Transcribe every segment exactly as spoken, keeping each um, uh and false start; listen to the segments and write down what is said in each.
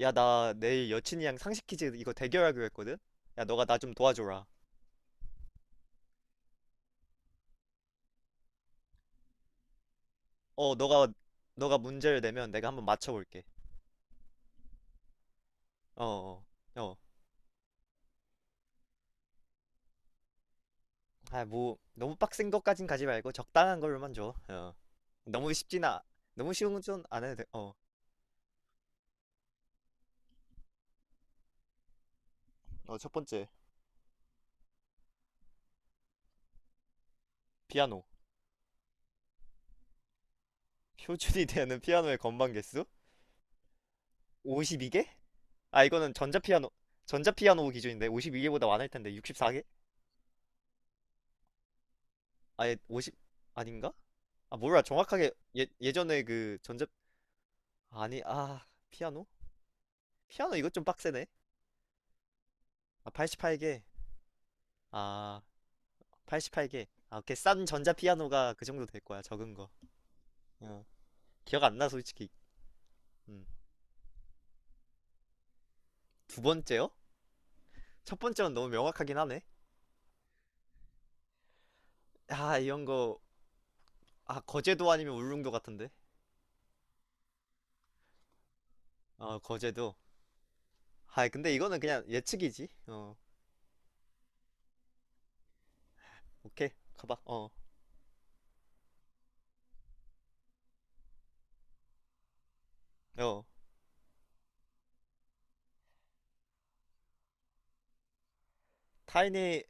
야, 나 내일 여친이랑 상식 퀴즈 이거 대결하기로 했거든? 야, 너가 나 좀 도와줘라. 어, 너가, 너가 문제를 내면 내가 한번 맞춰볼게. 어, 어, 어. 아, 뭐, 너무 빡센 것까진 가지 말고 적당한 걸로만 줘. 어. 너무 쉽진 아, 너무 쉬운 건 좀 안 해도 돼. 어. 어, 첫 번째. 피아노. 표준이 되는 피아노의 건반 개수? 오십이 개? 아, 이거는 전자피아노, 전자피아노 기준인데 오십이 개보다 많을 텐데 육십사 개? 아예 오십, 아닌가? 아, 몰라. 정확하게 예, 예전에 그 전자, 아니, 아, 피아노? 피아노 이것 좀 빡세네. 아, 팔십팔 개. 아, 팔십팔 개. 아, 오케이. 싼 전자 피아노가 그 정도 될 거야. 적은 거. 어. 기억 안 나, 솔직히. 음. 두 번째요? 첫 번째는 너무 명확하긴 하네. 아, 이런 거. 아, 거제도 아니면 울릉도 같은데. 어, 거제도. 아, 근데 이거는 그냥 예측이지. 어, 오케이. 가봐. 어, 어. 타인의,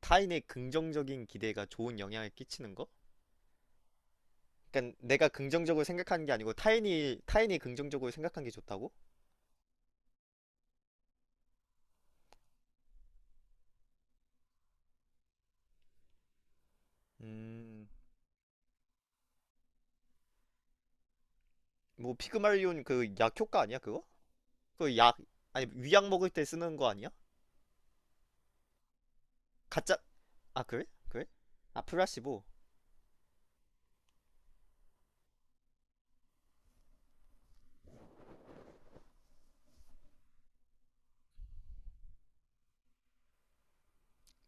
타인의 긍정적인 기대가 좋은 영향을 끼치는 거? 그러니까 내가 긍정적으로 생각하는 게 아니고 타인이 타인이 긍정적으로 생각한 게 좋다고? 음, 뭐 피그말리온 그 약 효과 아니야 그거? 그 약 아니 위약 먹을 때 쓰는 거 아니야? 가짜 아 그래? 그래? 아 플라시보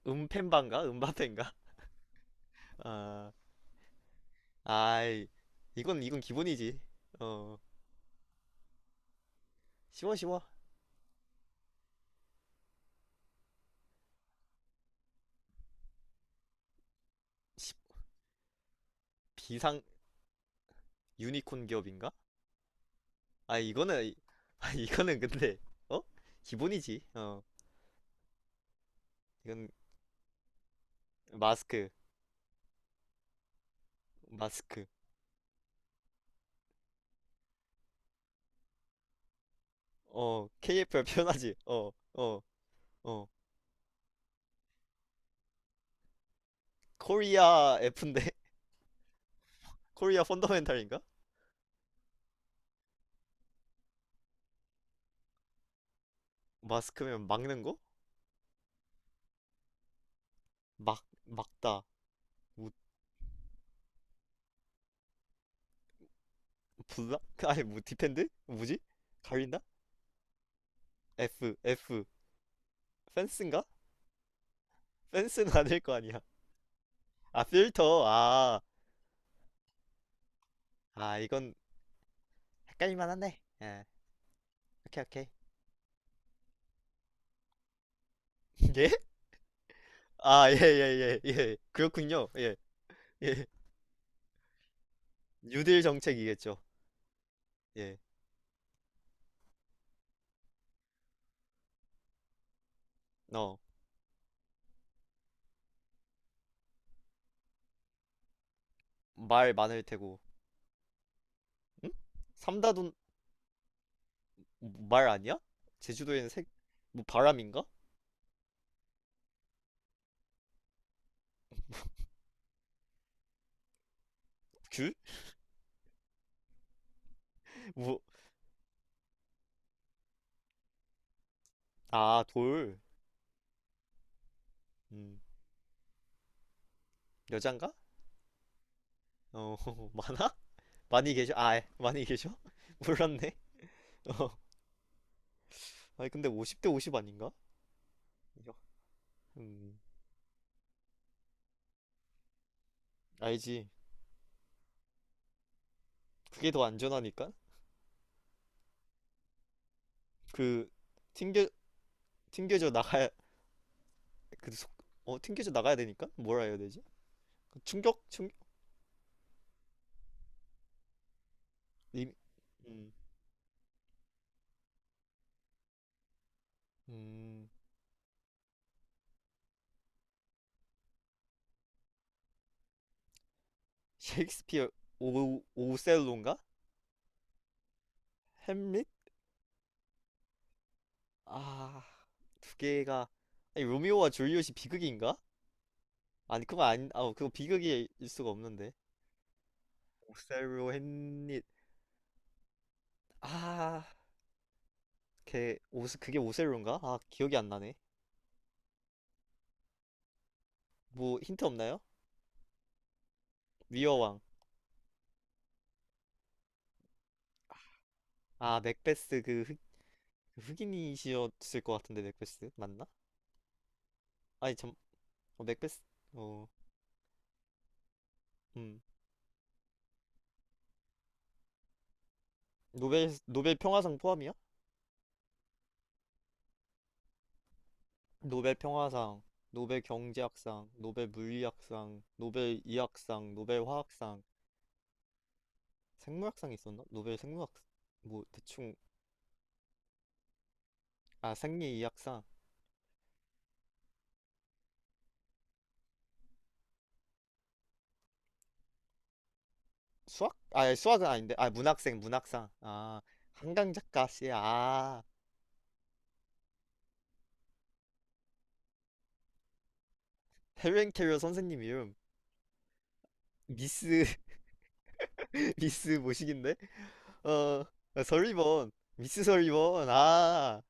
음펜반가 음바펜가 아 아이 이건 이건 기본이지 어 쉬워 쉬워 시- 비상 유니콘 기업인가? 아 이거는 아 이거는 근데 어 기본이지 어 이건 마스크 마스크 어 k f 표 편하지 어 어, 어. 코리아 F인데 코리아 펀더멘탈인가? 마스크면 막는 거? 막 막다. 우 블락? 아니 뭐 디펜드? 뭐지? 가린다? F F 펜스인가? 펜스는 아닐 거 아니야. 아 필터. 아. 아 이건 헷갈릴만 하네. 예. 오케이 오케이. 예? 아, 예, 예, 예, 예. 그렇군요. 예. 예. 뉴딜 정책이겠죠. 예. 어. 말 많을 테고. 응? 삼다돈 말 아니야? 제주도에는 색, 뭐 바람인가? 귤? 뭐, 아, 돌. 음, 여잔가? 어, 많아? 많이 계셔? 아, 예. 많이 계셔? 몰랐네. 어. 아니, 근데 오십 대 오십 아닌가? 음, 알지. 그게 더 안전하니까? 그, 튕겨, 튕겨져 나가야, 그, 속, 어, 튕겨져 나가야 되니까? 뭐라 해야 되지? 그 충격? 충격? 이- 음, 음, 셰익스피어, 오, 오셀로인가? 햄릿? 아, 두 개가, 아니, 로미오와 줄리엣이 비극인가? 아니, 그건 아닌 아, 그거 비극일 수가 없는데. 오셀로, 햄릿. 아, 걔 오스 그게 오셀로인가? 아, 기억이 안 나네. 뭐 힌트 없나요? 위어왕. 아, 맥베스 그 흑, 흑인이셨을 것 같은데 맥베스 맞나? 아니 참, 어, 맥베스 어, 음, 노벨 노벨 평화상 포함이야? 노벨 평화상, 노벨 경제학상, 노벨 물리학상, 노벨 이학상, 노벨 화학상, 생물학상 있었나? 노벨 생물학 뭐 대충 아 생리 이학상, 수학? 아 수학은 아닌데, 아 문학생 문학상. 아 한강 작가 씨, 아. 해외 캐리어 선생님 이름 미스 미스 모식인데 어 설리번 미스 설리번 아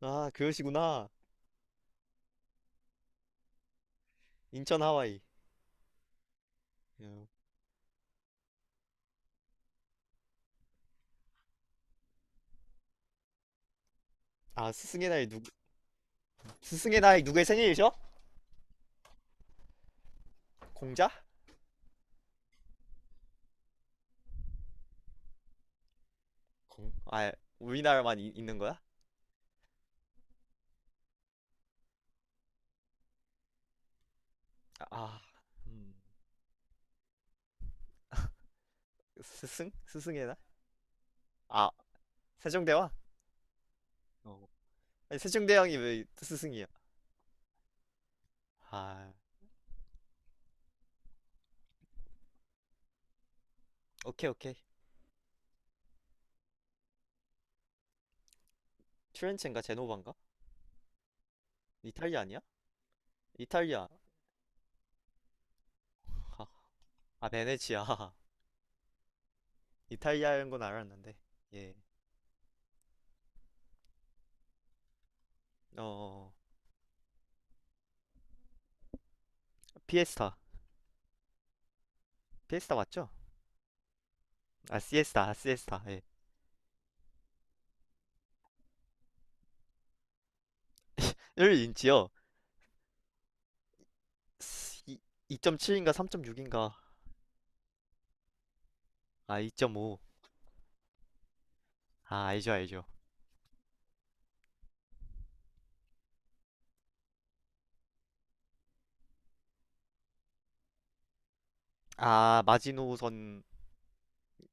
아 그러시구나 인천 하와이 어, 아 스승의 날 누구 스승의 날 누구의 생일이죠? 공자? 공? 아 우리나라만 이- 있는 거야? 아 음, 스승? 스승의 날? 아 세종대왕? 어. 아니 세종대왕이 왜 스승이야? 아 오케이 오케이 트렌체인가 제노바인가? 이탈리아 아니야? 이탈리아 아, 아 베네치아 이탈리아인 건 알았는데. 예. 어, 어, 어. 피에스타. 피에스타 맞죠? 아, 시에스타. 아, 시에스타. 예. 일 인치요. 이 점 칠인가 삼 점 육인가? 아, 이 점 오. 아, 알죠, 알죠. 아, 마지노선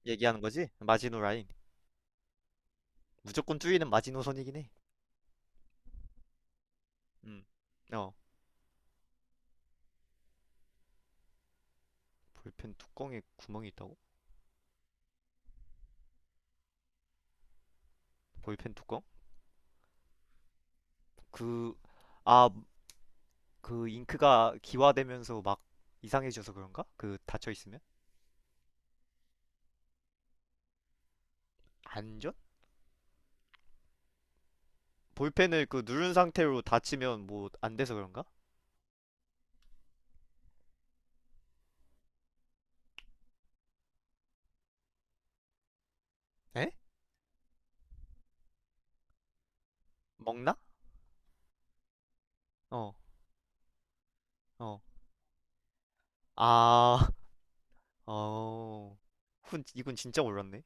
얘기하는 거지? 마지노 라인. 무조건 뚫리는 마지노선이긴 해. 음. 어. 볼펜 뚜껑에 구멍이 있다고? 볼펜 뚜껑? 그, 아, 그 잉크가 기화되면서 막 이상해져서 그런가? 그 닫혀 있으면? 안전? 볼펜을 그 누른 상태로 다치면 뭐 안 돼서 그런가? 에? 먹나? 어, 어. 아, 어. 훈, 이건 진짜 몰랐네.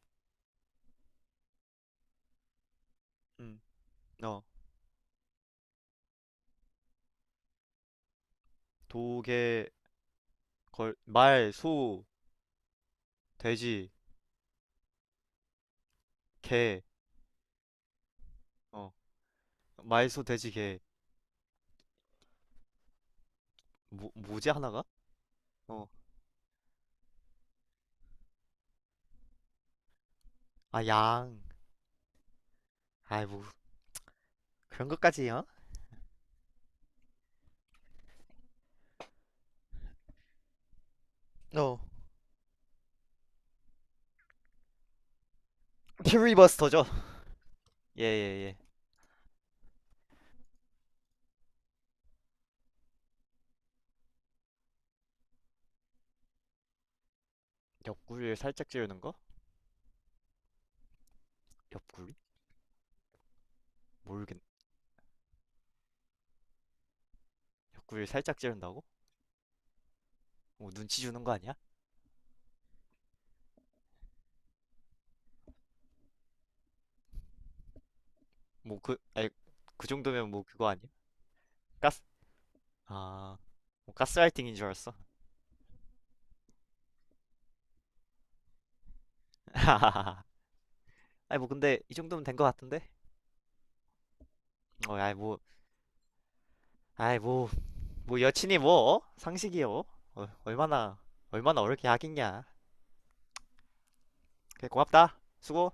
음, 어. 도, 개, 걸, 말, 소, 돼지, 개. 어. 말, 소, 돼지, 개. 뭐, 뭐지 하나가? 어. 아, 양. 아이, 뭐, 그런 것까지요? 어. 퓨리버스터죠? 예, 예, 예. 옆구리를 살짝 찌르는 거? 옆구리? 모르겠네. 옆구리를 살짝 찌른다고? 뭐, 눈치 주는 거 아니야? 뭐 그, 아니, 그 정도면 뭐 그거 아니야? 가스, 아, 뭐 가스라이팅인 줄 알았어. 아니 뭐 근데 이 정도면 된 것 같은데? 어, 아이 뭐, 아이 뭐, 뭐 여친이 뭐 어? 상식이요? 어, 얼마나, 얼마나 어렵게 하겠냐. 그래 고맙다. 수고.